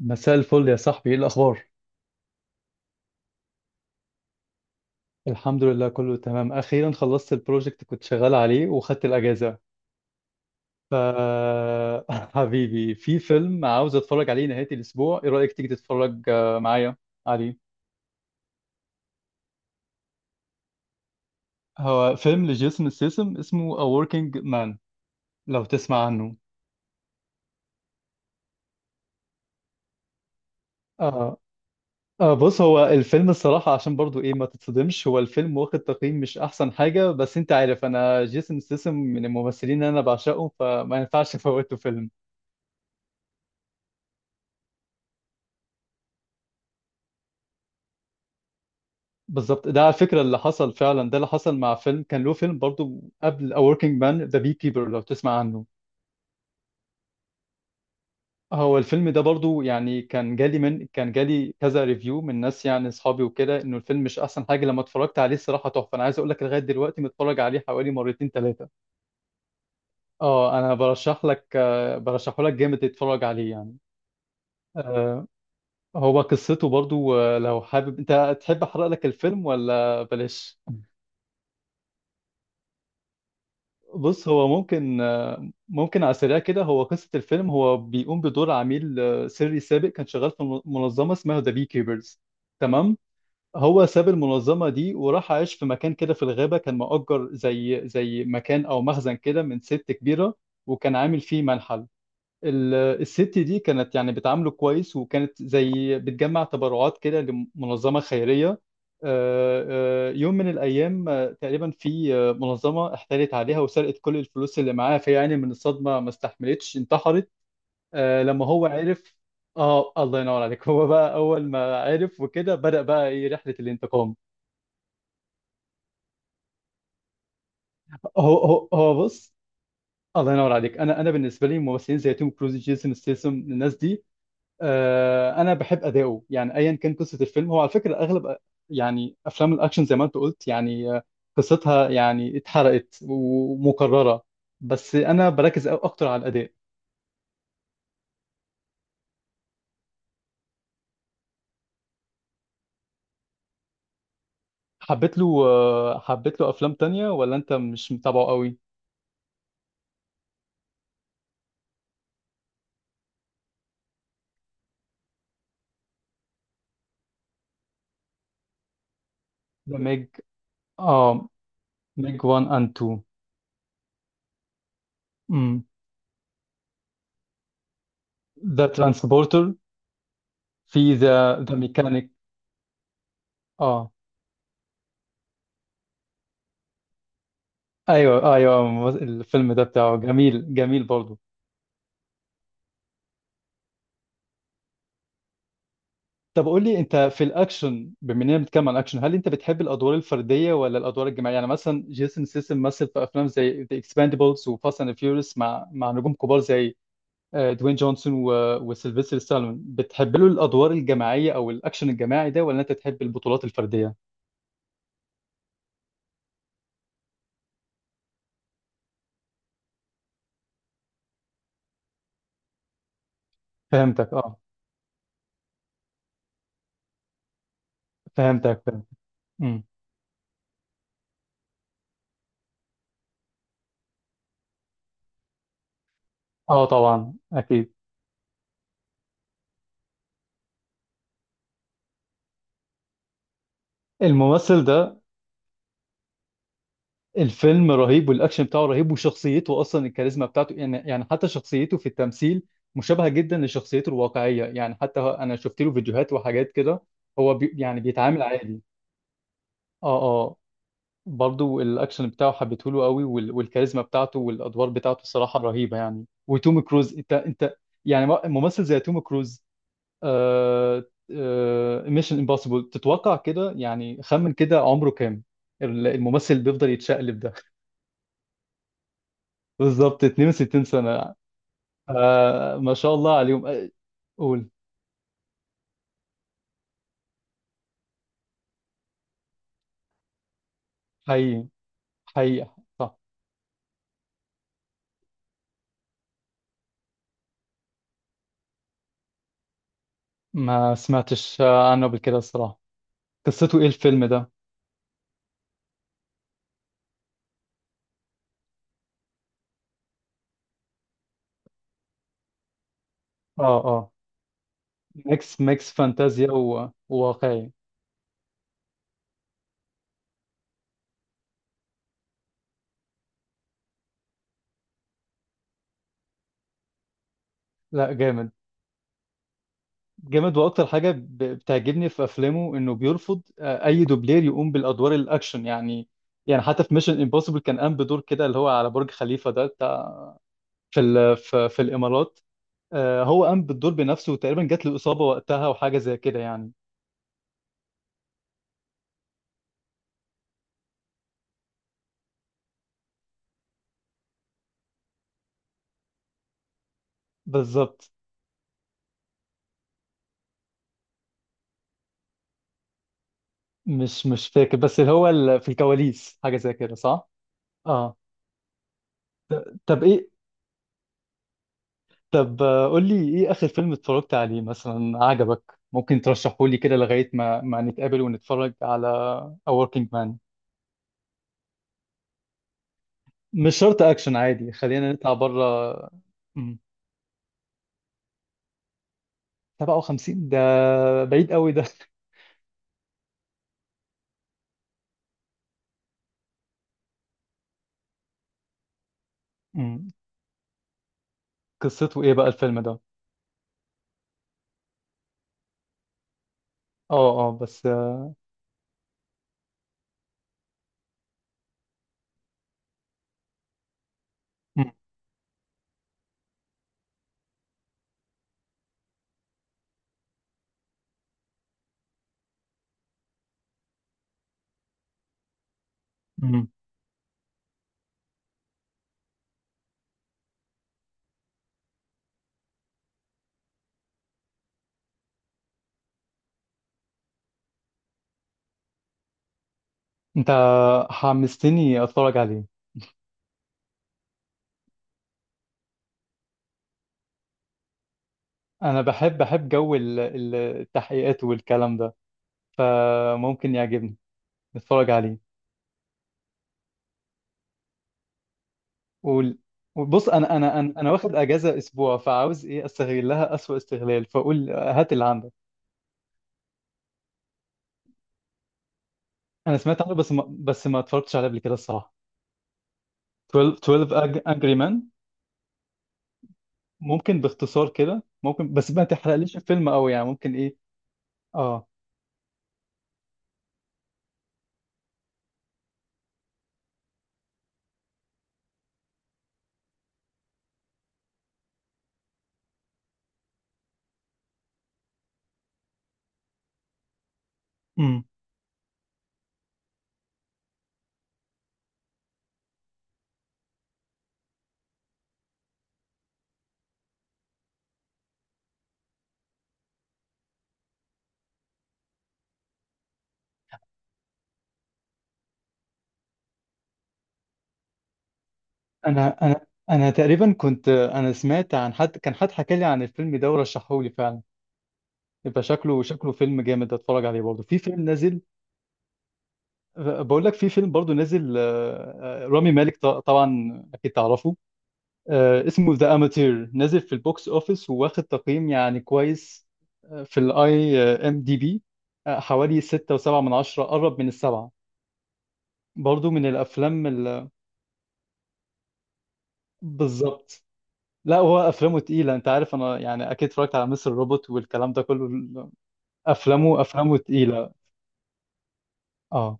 مساء الفل يا صاحبي، ايه الاخبار؟ الحمد لله، كله تمام. اخيرا خلصت البروجكت كنت شغال عليه وخدت الاجازه. ف حبيبي، في فيلم عاوز اتفرج عليه نهايه الاسبوع. ايه رايك تيجي تتفرج معايا عليه؟ هو فيلم لجيسون ستاثام، اسمه A Working Man، لو تسمع عنه. آه. آه بص، هو الفيلم الصراحة عشان برضو ايه، ما تتصدمش، هو الفيلم واخد تقييم مش أحسن حاجة، بس أنت عارف أنا جيسون ستاثام من الممثلين اللي أنا بعشقه، فما ينفعش أفوته فيلم. بالظبط، ده على فكرة اللي حصل فعلا. ده اللي حصل مع فيلم كان له فيلم برضو قبل A Working Man، The Beekeeper، لو تسمع عنه. هو الفيلم ده برضو يعني كان جالي كذا ريفيو من ناس يعني اصحابي وكده انه الفيلم مش احسن حاجة. لما اتفرجت عليه، الصراحة تحفة. انا عايز اقول لك، لغاية دلوقتي متفرج عليه حوالي مرتين ثلاثة. اه، انا برشح لك، برشحه لك جامد تتفرج عليه يعني. آه، هو قصته برضو، لو حابب انت تحب احرق لك الفيلم ولا بلاش. بص، هو ممكن، ممكن على السريع كده، هو قصة الفيلم، هو بيقوم بدور عميل سري سابق، كان شغال في منظمة اسمها ذا بي كيبرز. تمام. هو ساب المنظمة دي وراح عايش في مكان كده في الغابة، كان مؤجر زي مكان أو مخزن كده من ست كبيرة، وكان عامل فيه منحل. ال- الست دي كانت يعني بتعامله كويس، وكانت زي بتجمع تبرعات كده لمنظمة خيرية. آه، يوم من الأيام تقريبا في منظمة احتالت عليها وسرقت كل الفلوس اللي معاها، فيعني من الصدمة ما استحملتش، انتحرت. لما هو عرف. اه، الله ينور عليك. هو بقى أول ما عرف وكده بدأ بقى ايه، رحلة الانتقام. هو بص، الله ينور عليك. انا بالنسبه لي ممثلين زي توم كروز، جيسون ستيسم، الناس دي انا بحب اداؤه. يعني ايا كان قصه الفيلم، هو على فكره اغلب يعني افلام الاكشن زي ما انت قلت يعني، قصتها يعني اتحرقت ومكرره. بس انا بركز اكتر على الاداء. حبيت له، حبيت له افلام تانية ولا انت مش متابعه قوي؟ ذا ميج. اه، ميج 1 اند 2. امم، ذا ترانسبورتر، في ذا ميكانيك. اه، ايوه ايوه، الفيلم ده بتاعه جميل، جميل برضه. طب قول لي، انت في الاكشن، بما اننا بنتكلم عن الاكشن، هل انت بتحب الادوار الفرديه ولا الادوار الجماعيه؟ يعني مثلا جيسون سيسم مثل في افلام زي ذا اكسباندبلز وفاست اند فيوريوس مع نجوم كبار زي دوين جونسون وسيلفستر ستالون. بتحب له الادوار الجماعيه او الاكشن الجماعي ده، ولا انت تحب البطولات الفرديه؟ فهمتك اه. فهمتك، فهمتك. امم. اه طبعا اكيد. الممثل ده الفيلم رهيب، والاكشن بتاعه رهيب، وشخصيته اصلا الكاريزما بتاعته، يعني يعني حتى شخصيته في التمثيل مشابهه جدا لشخصيته الواقعيه، يعني حتى انا شفت له فيديوهات وحاجات كده. هو بي يعني بيتعامل عادي. اه اه. برضو الاكشن بتاعه حبيته له قوي، والكاريزما بتاعته والادوار بتاعته الصراحه رهيبه يعني. وتوم كروز، انت يعني ممثل زي توم كروز. آه. آه ميشن امبوسيبل، تتوقع كده، يعني خمن كده عمره كام. الممثل اللي بيفضل يتشقلب ده بالظبط 62 سنة. آه ما شاء الله عليهم. قول. حقيقي، حقيقي، صح. ما سمعتش عنه قبل كده الصراحة. قصته ايه الفيلم ده؟ اه اه، ميكس، ميكس فانتازيا وواقعي. لا جامد. جامد، واكتر حاجة بتعجبني في افلامه انه بيرفض اي دوبلير يقوم بالادوار الاكشن يعني. يعني حتى في ميشن امبوسيبل كان قام بدور كده اللي هو على برج خليفة ده، بتاع في الامارات. هو قام بالدور بنفسه، وتقريبا جات له إصابة وقتها وحاجة زي كده يعني. بالظبط. مش فاكر، بس اللي هو في الكواليس حاجة زي كده، صح؟ اه. طب ايه. طب قول لي ايه آخر فيلم اتفرجت عليه مثلا عجبك، ممكن ترشحه لي كده لغاية ما نتقابل ونتفرج على A Working Man. مش شرط اكشن، عادي خلينا نطلع بره. 57 ده؟ بعيد قوي ده. مم. قصته ايه بقى الفيلم ده؟ اه اه، بس. مم. انت حمستني اتفرج عليه. انا بحب جو التحقيقات والكلام ده، فممكن يعجبني. نتفرج عليه. قول. بص، انا واخد اجازه اسبوع، فعاوز ايه استغلها اسوأ استغلال. فقول، هات اللي عندك. انا سمعت عنه، بس ما بس ما اتفرجتش عليه قبل كده الصراحه. 12 انجري مان؟ ممكن باختصار كده، ممكن بس ما تحرقليش الفيلم قوي، يعني ممكن ايه. اه انا تقريبا كنت، انا سمعت عن حد، كان حد حكى لي عن الفيلم ده ورشحه لي فعلا. يبقى شكله، شكله فيلم جامد، اتفرج عليه برضه. في فيلم نازل، بقول لك في فيلم برضه نازل رامي مالك، طبعا اكيد تعرفه. اسمه ذا اماتير، نازل في البوكس اوفيس وواخد تقييم يعني كويس. في الاي ام دي بي حوالي 6 و7 من 10، قرب من السبعة. برضه من الافلام بالظبط. لا، هو افلامه تقيله، انت عارف، انا يعني اكيد اتفرجت على مستر روبوت والكلام ده كله. افلامه، افلامه تقيله. اه.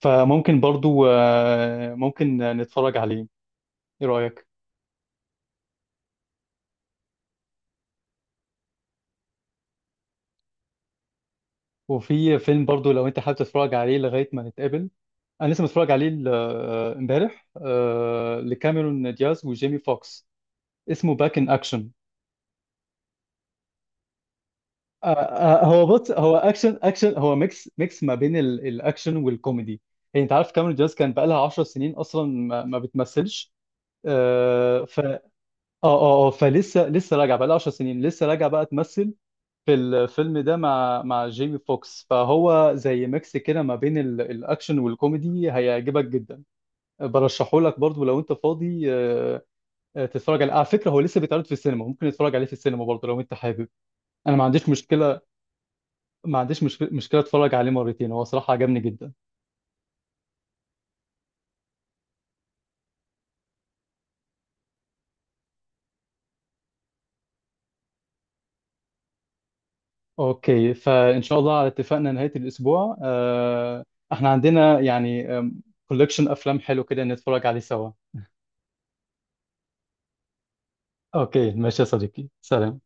فممكن برضو، ممكن نتفرج عليه. ايه رايك؟ وفي فيلم برضو لو انت حابب تتفرج عليه لغايه ما نتقابل. انا لسه متفرج عليه امبارح، لكاميرون دياز وجيمي فوكس، اسمه باك ان اكشن. هو بص، هو اكشن، اكشن، هو ميكس، ميكس ما بين الاكشن والكوميدي. يعني انت عارف كاميرون دياز كان بقالها 10 سنين اصلا ما بتمثلش. ف اه. اه فلسه، لسه راجعه بقى لها 10 سنين، لسه راجعه بقى تمثل في الفيلم ده مع جيمي فوكس. فهو زي ميكس كده ما بين الاكشن والكوميدي، هيعجبك جدا. برشحه لك برضو لو انت فاضي، تتفرج عليه على فكره. هو لسه بيتعرض في السينما، ممكن تتفرج عليه في السينما برضو لو انت حابب. انا ما عنديش مشكله، ما عنديش مشكله اتفرج عليه مرتين، هو صراحه عجبني جدا. اوكي، فان شاء الله على اتفاقنا نهايه الاسبوع، احنا عندنا يعني كولكشن افلام حلو كده نتفرج عليه سوا. اوكي، ماشي يا صديقي، سلام.